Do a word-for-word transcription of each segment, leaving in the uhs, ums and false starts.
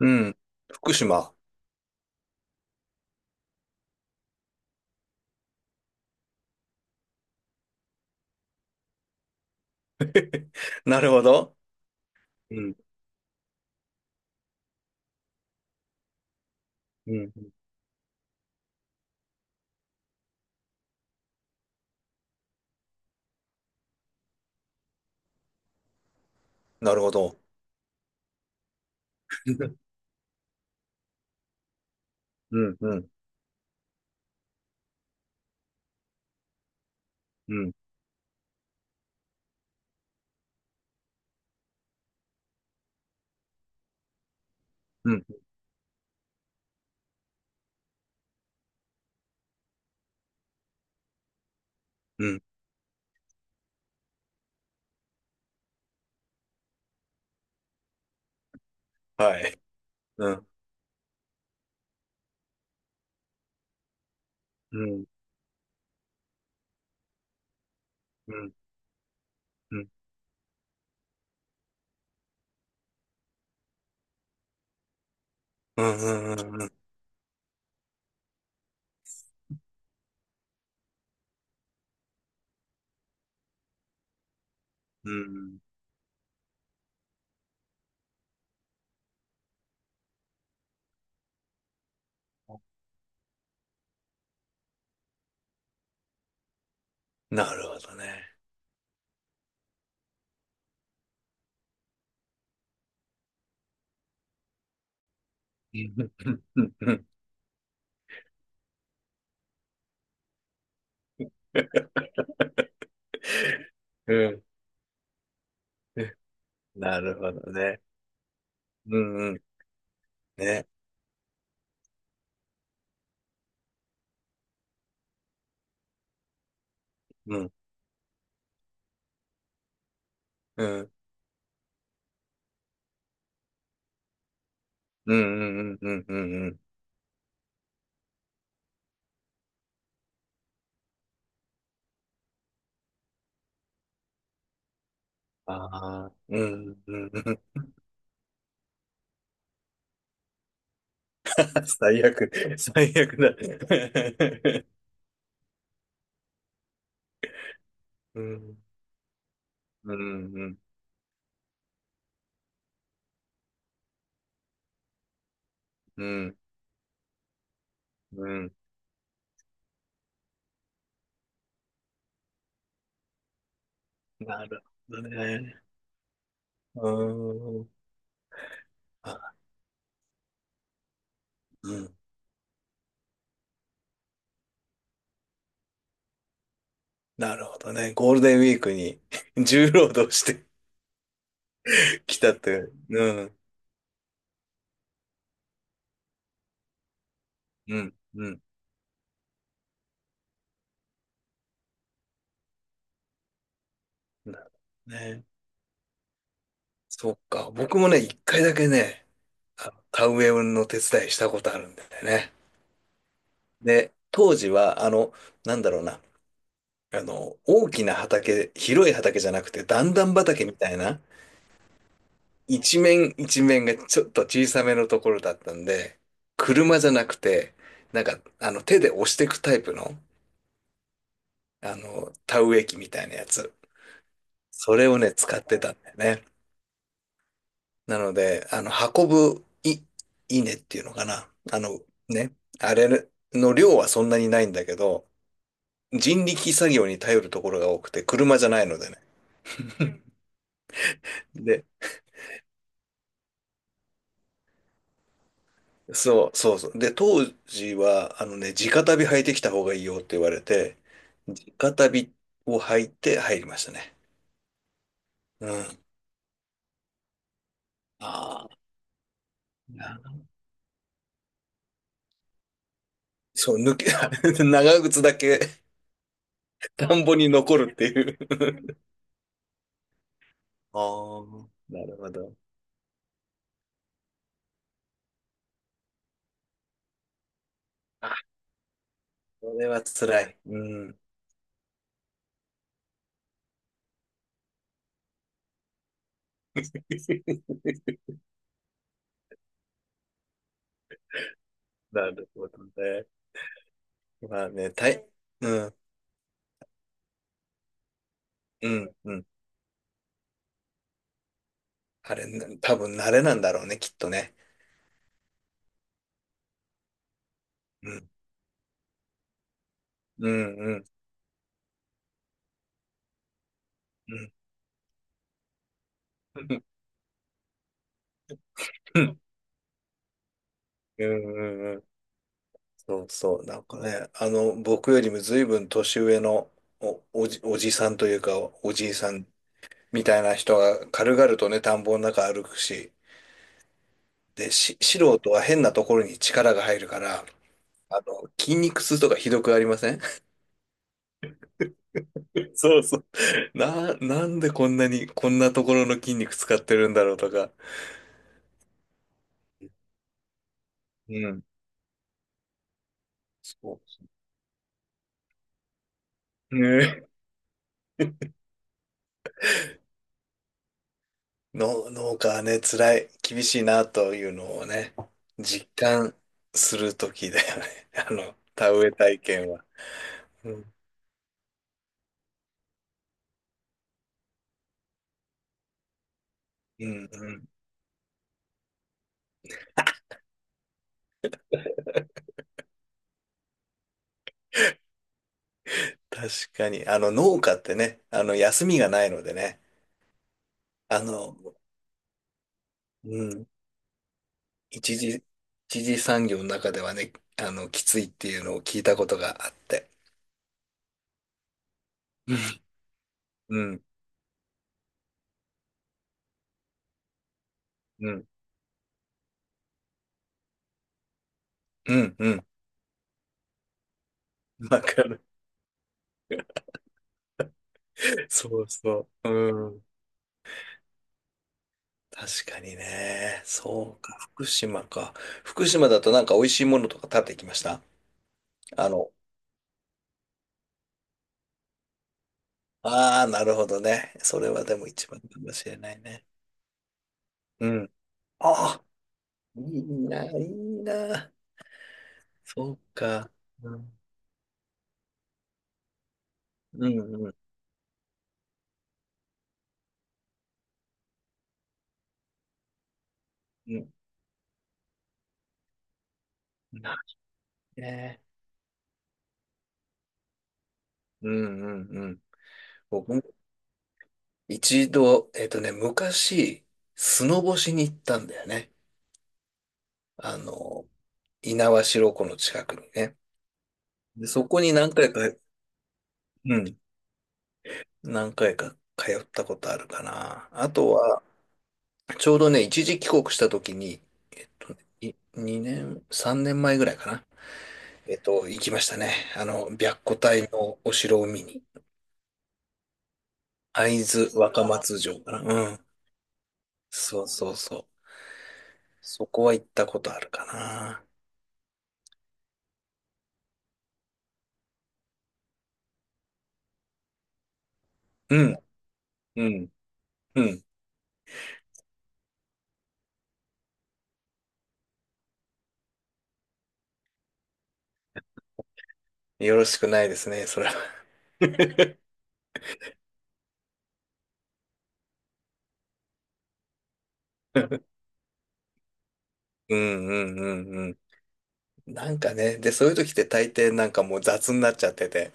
うん。福島。なるほど。うん。うん。なるほど。うん。うん。うん。うん。うん。はい。うん。うん。うん。うん。うん。うん。うん。なるほどね。うん。なるほどね。うん。うん。ね。うん。うん。うん。うん。うん。うん。うん。ああ。うん。うん。最悪。最悪だ。うん。うん。うん。うん。うん。なるほどね。うーん。あ。うん。なるほどね。ゴールデンウィークに 重労働してきたという。うん。うん。うん。なるほどね。そっか。僕もね、一回だけね、あ、田植えの手伝いしたことあるんだよね。で、当時は、あの、なんだろうな。あの、大きな畑、広い畑じゃなくて、段々畑みたいな、一面一面がちょっと小さめのところだったんで、車じゃなくて、なんか、あの、手で押していくタイプの、あの、田植え機みたいなやつ。それをね、使ってたんだよね。なので、あの、運ぶい、稲っていうのかな。あの、ね、あれの量はそんなにないんだけど、人力作業に頼るところが多くて、車じゃないのでね。で、そう、そうそう。で、当時は、あのね、直旅履いてきた方がいいよって言われて、直旅を履いて入りましたね。うん。ああ、なそう、抜け、長靴だけ田んぼに残るっていう。ああ、なるほど。あ、これは辛い。うん。なるほどね。まあね、たい、うん、うん、うん。あれ、な多分慣れなんだろうね、きっとね。うん、うん、うん、うん。うん、うん、うん。そうそう、なんかね、あの、僕よりも随分年上のお、おじ、おじさんというか、おじいさんみたいな人が軽々とね、田んぼの中歩くし、で、し、素人は変なところに力が入るから、あの、筋肉痛とかひどくありません？ そうそう。な、なんでこんなに、こんなところの筋肉使ってるんだろうとか。うん。そう。ね。の、農家はね、辛い、厳しいなというのをね、実感するときだよね。あの、田植え体験は。うん、うん、うん。確かに。あの、農家ってね、あの、休みがないのでね、あの、うん、一時、一時産業の中ではね、あの、きついっていうのを聞いたことがあって。うん、うん、うん、うん。うん。わかる。そうそう。うん。確かにね。そうか。福島か。福島だとなんか美味しいものとか食べてきました？あの、ああ、なるほどね。それはでも一番かもしれないね。うん。ああ、いいな、いいな。そうか。うん、うん、うん。うん。なね。うん、うん、うん。僕も一度、えっとね、昔、スノボしに行ったんだよね。あの、猪苗代湖の近くにね。で、そこに何回か、うん。何回か通ったことあるかな。あとは、ちょうどね、一時帰国した時に、えっと、いにねん、さんねんまえぐらいかな。えっと、行きましたね。あの、白虎隊のお城を見に。会津若松城かな。うん。そうそうそう。そこは行ったことあるかな。うん、うん、うん。よろしくないですね、それは。うん、うん、うん、うん。なんかね、で、そういう時って大抵なんかもう雑になっちゃってて、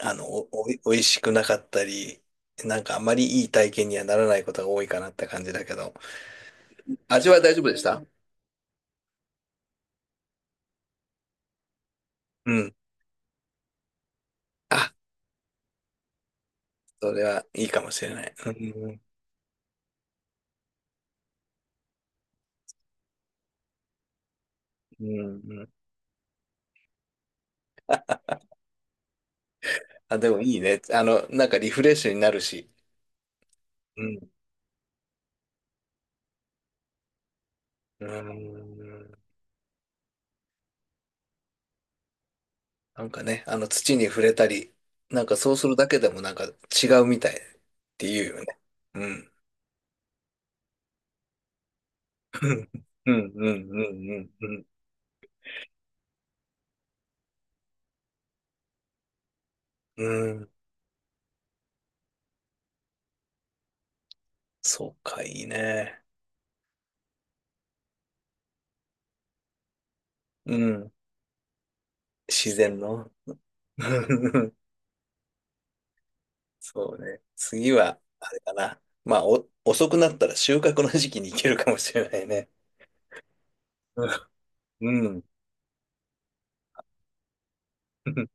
あの、お、おい、美味しくなかったり、なんかあまりいい体験にはならないことが多いかなって感じだけど。味は大丈夫でした？うん。あ、それはいいかもしれない。うん。うん。うん。あ、でもいいね。あの、なんかリフレッシュになるし。うん。うん。なんかね、あの土に触れたり、なんかそうするだけでもなんか違うみたいって言うよね。うん。うん、うん、うん、うん、うん。うん。そうか、いいね。うん。自然の。そうね。次は、あれかな。まあ、お、遅くなったら収穫の時期に行けるかもしれないね。うん。うん